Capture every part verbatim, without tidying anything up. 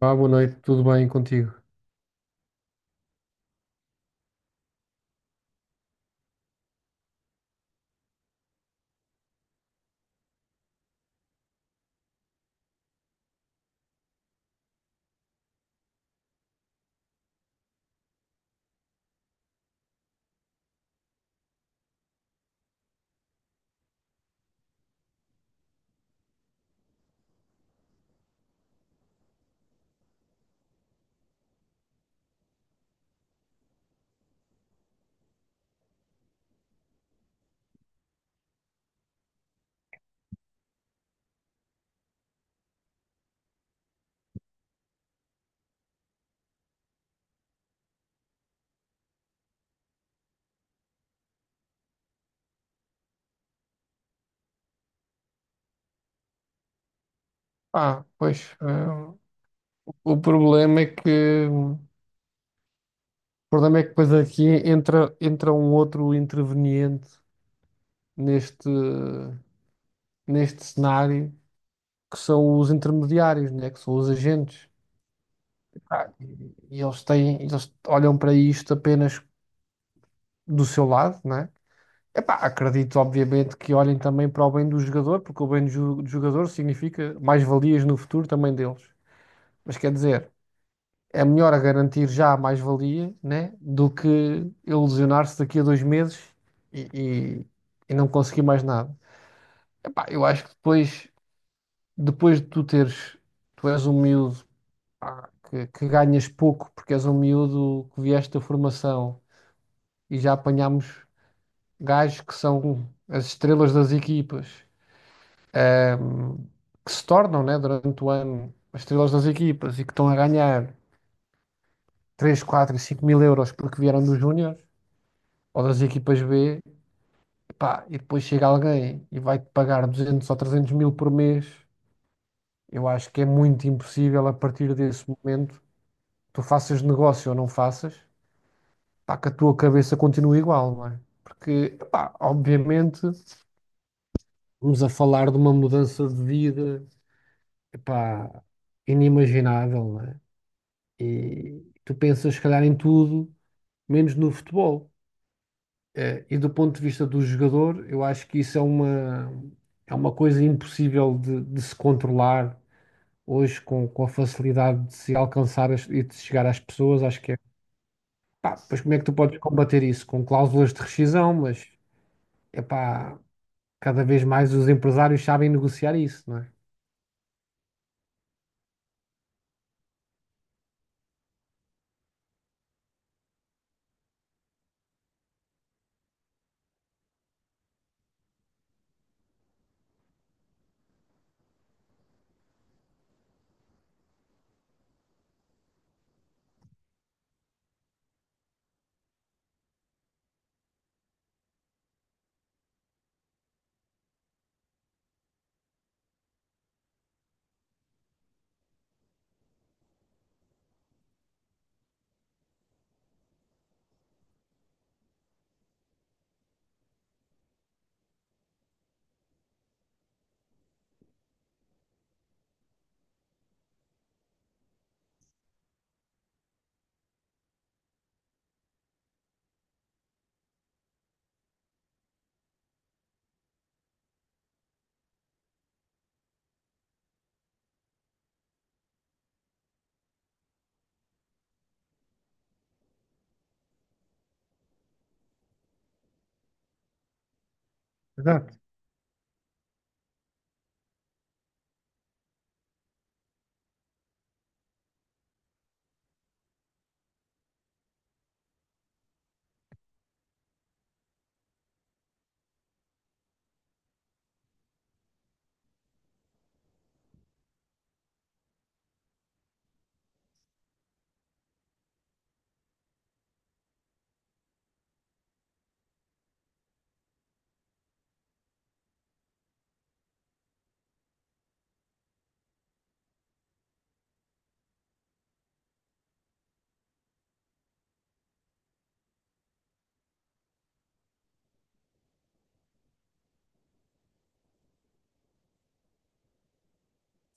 Ah, boa noite, tudo bem contigo? Ah, pois, eh, o problema é que, o problema é que depois aqui entra, entra um outro interveniente neste, neste cenário, que são os intermediários, né? Que são os agentes. Ah, e e eles têm, eles olham para isto apenas do seu lado, né? Epá, acredito, obviamente, que olhem também para o bem do jogador, porque o bem do jo- do jogador significa mais-valias no futuro também deles. Mas quer dizer, é melhor a garantir já a mais-valia, né? Do que ilusionar-se daqui a dois meses e, e- e não conseguir mais nada. Epá, eu acho que depois, depois de tu teres, tu és um miúdo, pá, que, que ganhas pouco porque és um miúdo que vieste da formação e já apanhámos gajos que são as estrelas das equipas, ehm, que se tornam, né, durante o ano as estrelas das equipas e que estão a ganhar três, quatro e cinco mil euros porque vieram dos Júnior ou das equipas B, pá, e depois chega alguém e vai-te pagar duzentos ou trezentos mil por mês. Eu acho que é muito impossível a partir desse momento, tu faças negócio ou não faças, pá, que a tua cabeça continue igual, não é? Porque, pá, obviamente, vamos a falar de uma mudança de vida, pá, inimaginável, não é? E tu pensas, se calhar, em tudo, menos no futebol. Eh, E do ponto de vista do jogador, eu acho que isso é uma, é uma coisa impossível de, de se controlar hoje com, com a facilidade de se alcançar as- e de se chegar às pessoas. Acho que é, pá, pois como é que tu podes combater isso? Com cláusulas de rescisão, mas é pá, cada vez mais os empresários sabem negociar isso, não é? Exato.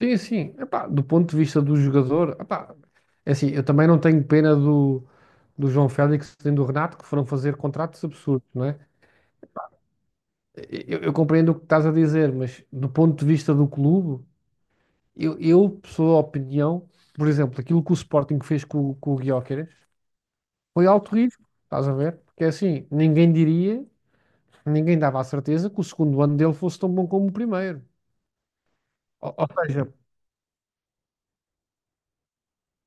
Sim, sim. Epá, do ponto de vista do jogador, epá, é assim, eu também não tenho pena do, do João Félix e do Renato que foram fazer contratos absurdos, não é? Eu, eu compreendo o que estás a dizer, mas do ponto de vista do clube, eu, eu pessoa opinião, por exemplo, aquilo que o Sporting fez com, com o Gyökeres foi alto risco, estás a ver? Porque é assim, ninguém diria, ninguém dava a certeza que o segundo ano dele fosse tão bom como o primeiro. Ou, ou seja,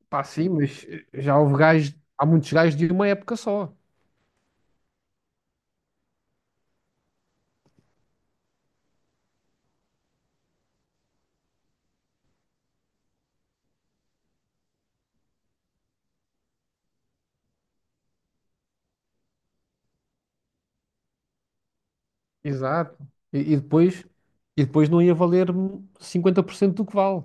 pá, sim, mas já houve gajos, há muitos gajos de uma época só. Exato. E, e depois, e depois não ia valer cinquenta por cento do que vale.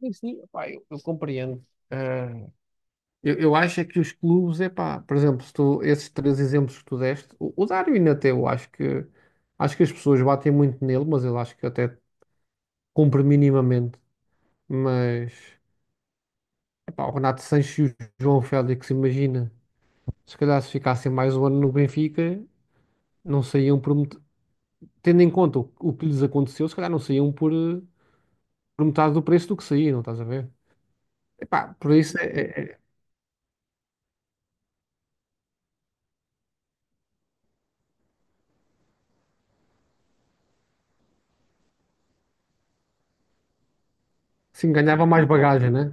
Sim, sim, pá, eu, eu compreendo. Eu, eu acho é que os clubes, epá, por exemplo, se tu- esses três exemplos que tu deste, o, o Darwin até eu acho que acho que as pessoas batem muito nele, mas eu acho que até cumpre minimamente. Mas epá, o Renato Sanches e o João Félix, imagina, se calhar se ficassem mais um ano no Benfica, não saíam por met- tendo em conta o, o que lhes aconteceu, se calhar não saíam por, eh, por metade do preço do que saíram, estás a ver? Epá, por isso é, é- é- sim, ganhava mais bagagem, né?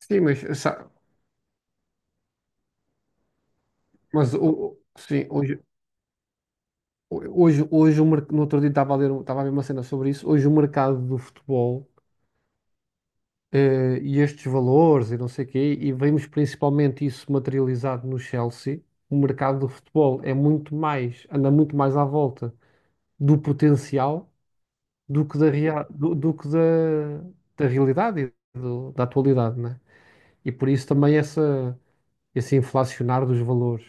Sim, mas, sa- mas o, o- sim, hoje, Hoje, hoje o merc- no outro dia estava a ler, um- estava a ver uma cena sobre isso. Hoje o mercado do futebol eh, e estes valores e não sei o quê, e vemos principalmente isso materializado no Chelsea. O mercado do futebol é muito mais, anda muito mais à volta do potencial do que da, rea- do, do que da, da realidade e do- da atualidade, né? E por isso também essa. Esse inflacionar dos valores.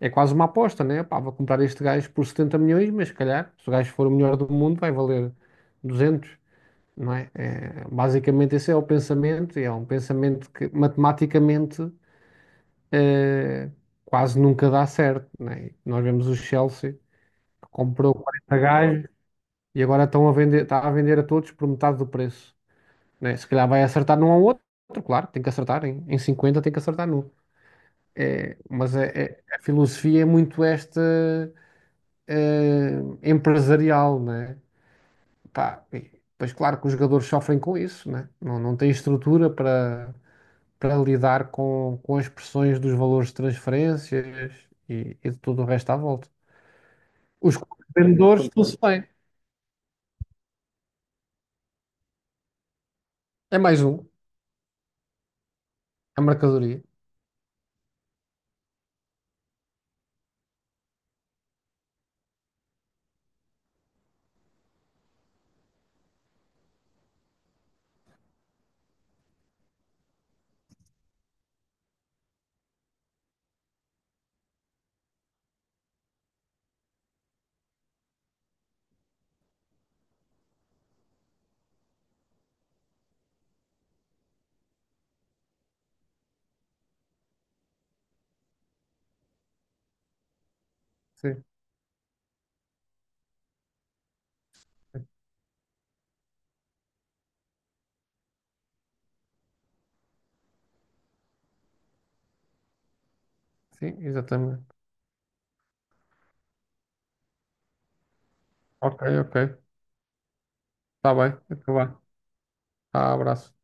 É quase uma aposta, né? Pá, vou comprar este gajo por setenta milhões, mas se calhar, se o gajo for o melhor do mundo, vai valer duzentos, não é? É, basicamente, esse é o pensamento, e é um pensamento que matematicamente eh, quase nunca dá certo, né? E nós vemos o Chelsea, que comprou quarenta gajos e agora estão a vender, está a vender a todos por metade do preço, né? Se calhar vai acertar num ao outro, claro, tem que acertar, em, em cinquenta tem que acertar num. É, mas é- é- a filosofia é muito esta eh, empresarial, né? Pá, e pois claro que os jogadores sofrem com isso, né? Não, não têm estrutura para, para lidar com, com as pressões dos valores de transferências e, e de tudo o resto à volta. Os vendedores estão-se bem. É mais um, a mercadoria. Sim, sim, exatamente. Ok, ok. Está bem, então vá. Ah, abraço.